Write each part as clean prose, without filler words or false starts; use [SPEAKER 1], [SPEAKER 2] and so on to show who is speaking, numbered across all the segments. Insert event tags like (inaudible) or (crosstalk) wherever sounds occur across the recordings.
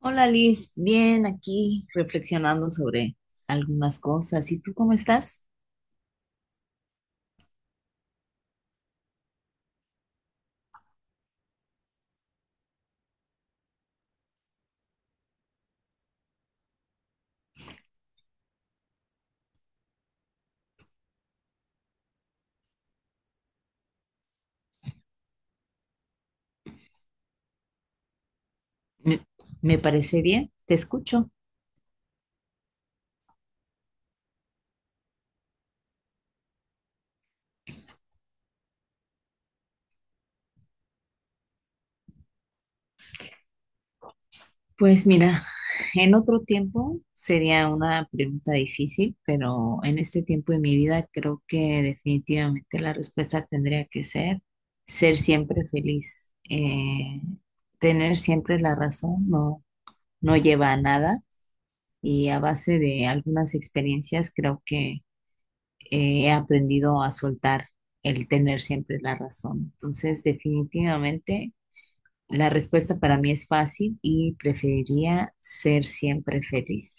[SPEAKER 1] Hola Liz, bien aquí reflexionando sobre algunas cosas. ¿Y tú cómo estás? Me, me parece bien, te escucho. Pues mira, en otro tiempo sería una pregunta difícil, pero en este tiempo de mi vida creo que definitivamente la respuesta tendría que ser ser siempre feliz. Tener siempre la razón no, no lleva a nada y a base de algunas experiencias creo que he aprendido a soltar el tener siempre la razón. Entonces, definitivamente, la respuesta para mí es fácil y preferiría ser siempre feliz.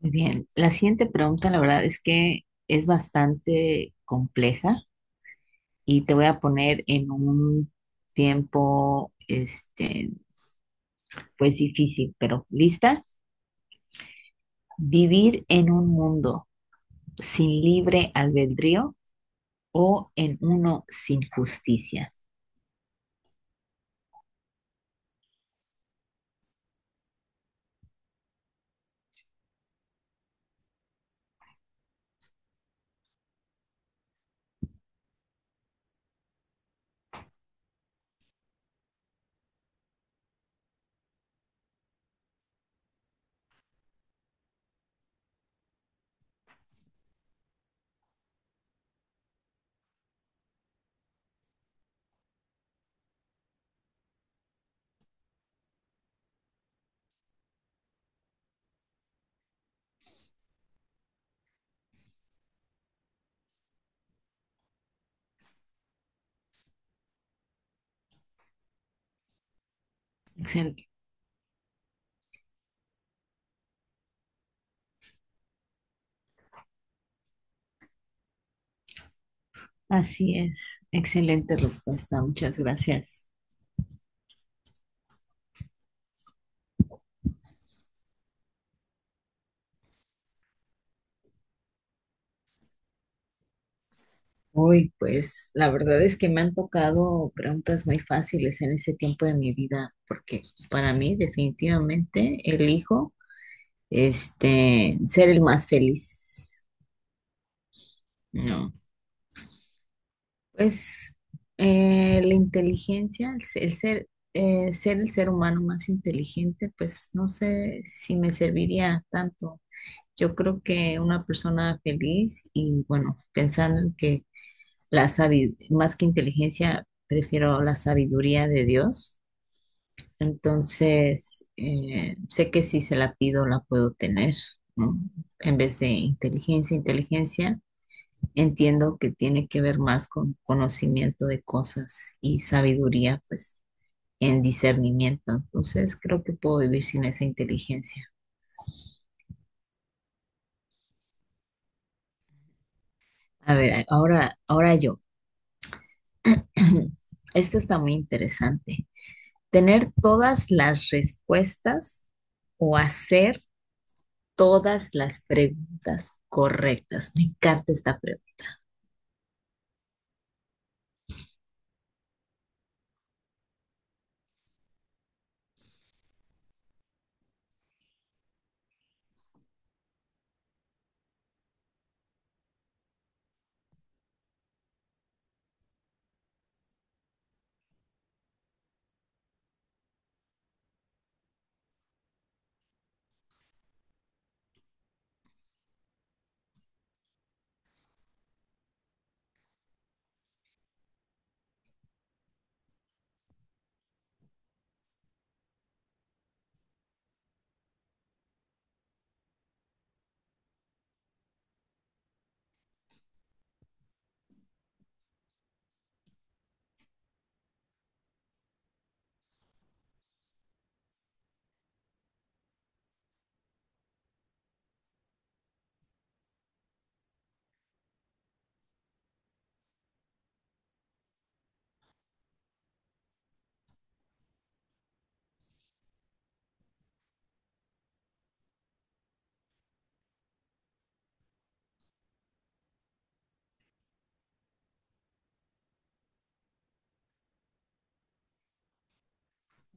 [SPEAKER 1] Muy bien, la siguiente pregunta, la verdad es que es bastante compleja y te voy a poner en un tiempo, este, pues difícil, pero ¿lista? ¿Vivir en un mundo sin libre albedrío o en uno sin justicia? Excelente. Así es. Excelente respuesta. Muchas gracias. Uy, pues la verdad es que me han tocado preguntas muy fáciles en ese tiempo de mi vida, porque para mí definitivamente elijo este ser el más feliz. No. Pues la inteligencia, el, se- el ser, ser el ser humano más inteligente, pues no sé si me serviría tanto. Yo creo que una persona feliz y bueno, pensando en que más que inteligencia, prefiero la sabiduría de Dios. Entonces, sé que si se la pido, la puedo tener, ¿no? En vez de inteligencia. Entiendo que tiene que ver más con conocimiento de cosas y sabiduría, pues en discernimiento. Entonces creo que puedo vivir sin esa inteligencia. A ver, ahora, ahora yo. (clears throat) Esto está muy interesante. Tener todas las respuestas o hacer todas las preguntas correctas. Me encanta esta pregunta.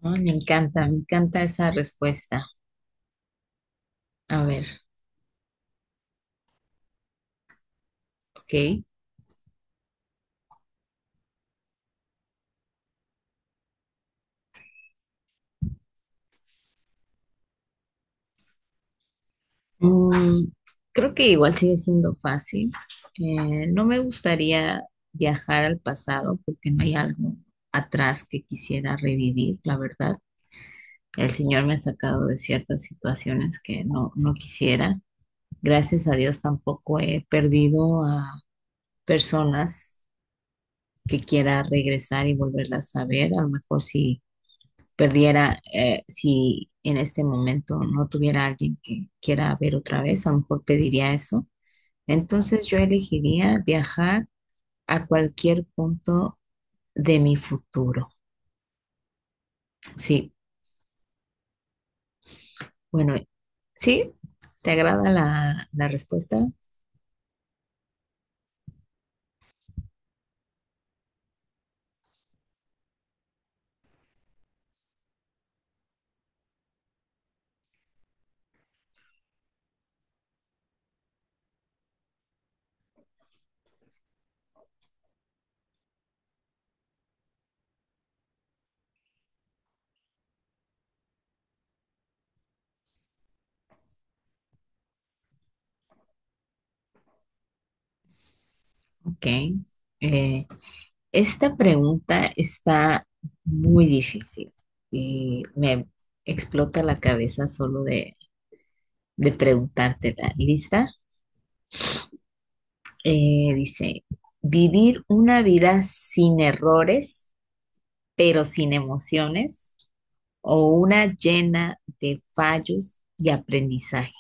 [SPEAKER 1] Ah, me encanta, me encanta esa respuesta. A ver, ok. Mm, creo que igual sigue siendo fácil. No me gustaría viajar al pasado porque no hay algo atrás que quisiera revivir, la verdad. El Señor me ha sacado de ciertas situaciones que no, no quisiera. Gracias a Dios tampoco he perdido a personas que quiera regresar y volverlas a ver. A lo mejor si perdiera, si en este momento no tuviera alguien que quiera ver otra vez, a lo mejor pediría eso. Entonces yo elegiría viajar a cualquier punto de mi futuro. Sí, bueno, ¿sí? ¿Te agrada la respuesta? Ok. Eh, esta pregunta está muy difícil y me explota la cabeza solo de preguntártela. ¿Lista? Dice, ¿vivir una vida sin errores, pero sin emociones? ¿O una llena de fallos y aprendizajes?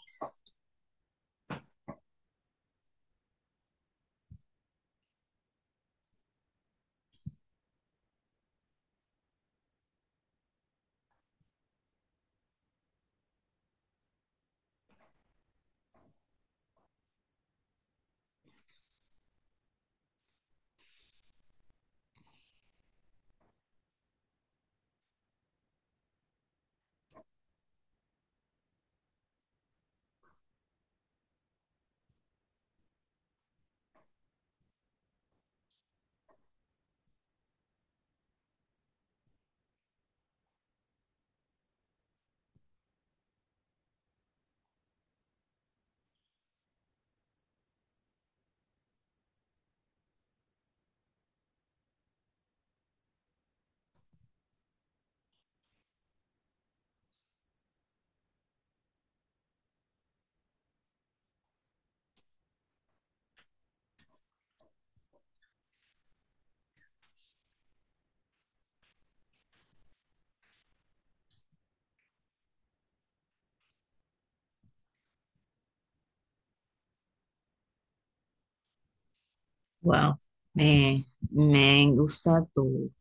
[SPEAKER 1] Wow, me, me gusta tu,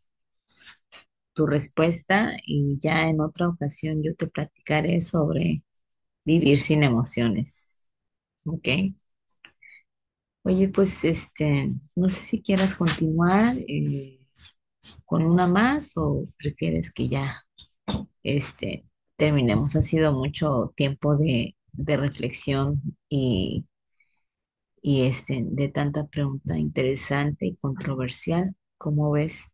[SPEAKER 1] tu respuesta y ya en otra ocasión yo te platicaré sobre vivir sin emociones. ¿Ok? Oye, pues este, no sé si quieras continuar con una más o prefieres que ya este, terminemos. Ha sido mucho tiempo de reflexión y este, de tanta pregunta interesante y controversial. ¿Cómo ves?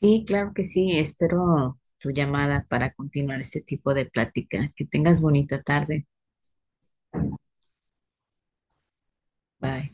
[SPEAKER 1] Sí, claro que sí. Espero tu llamada para continuar este tipo de plática. Que tengas bonita tarde. Bye.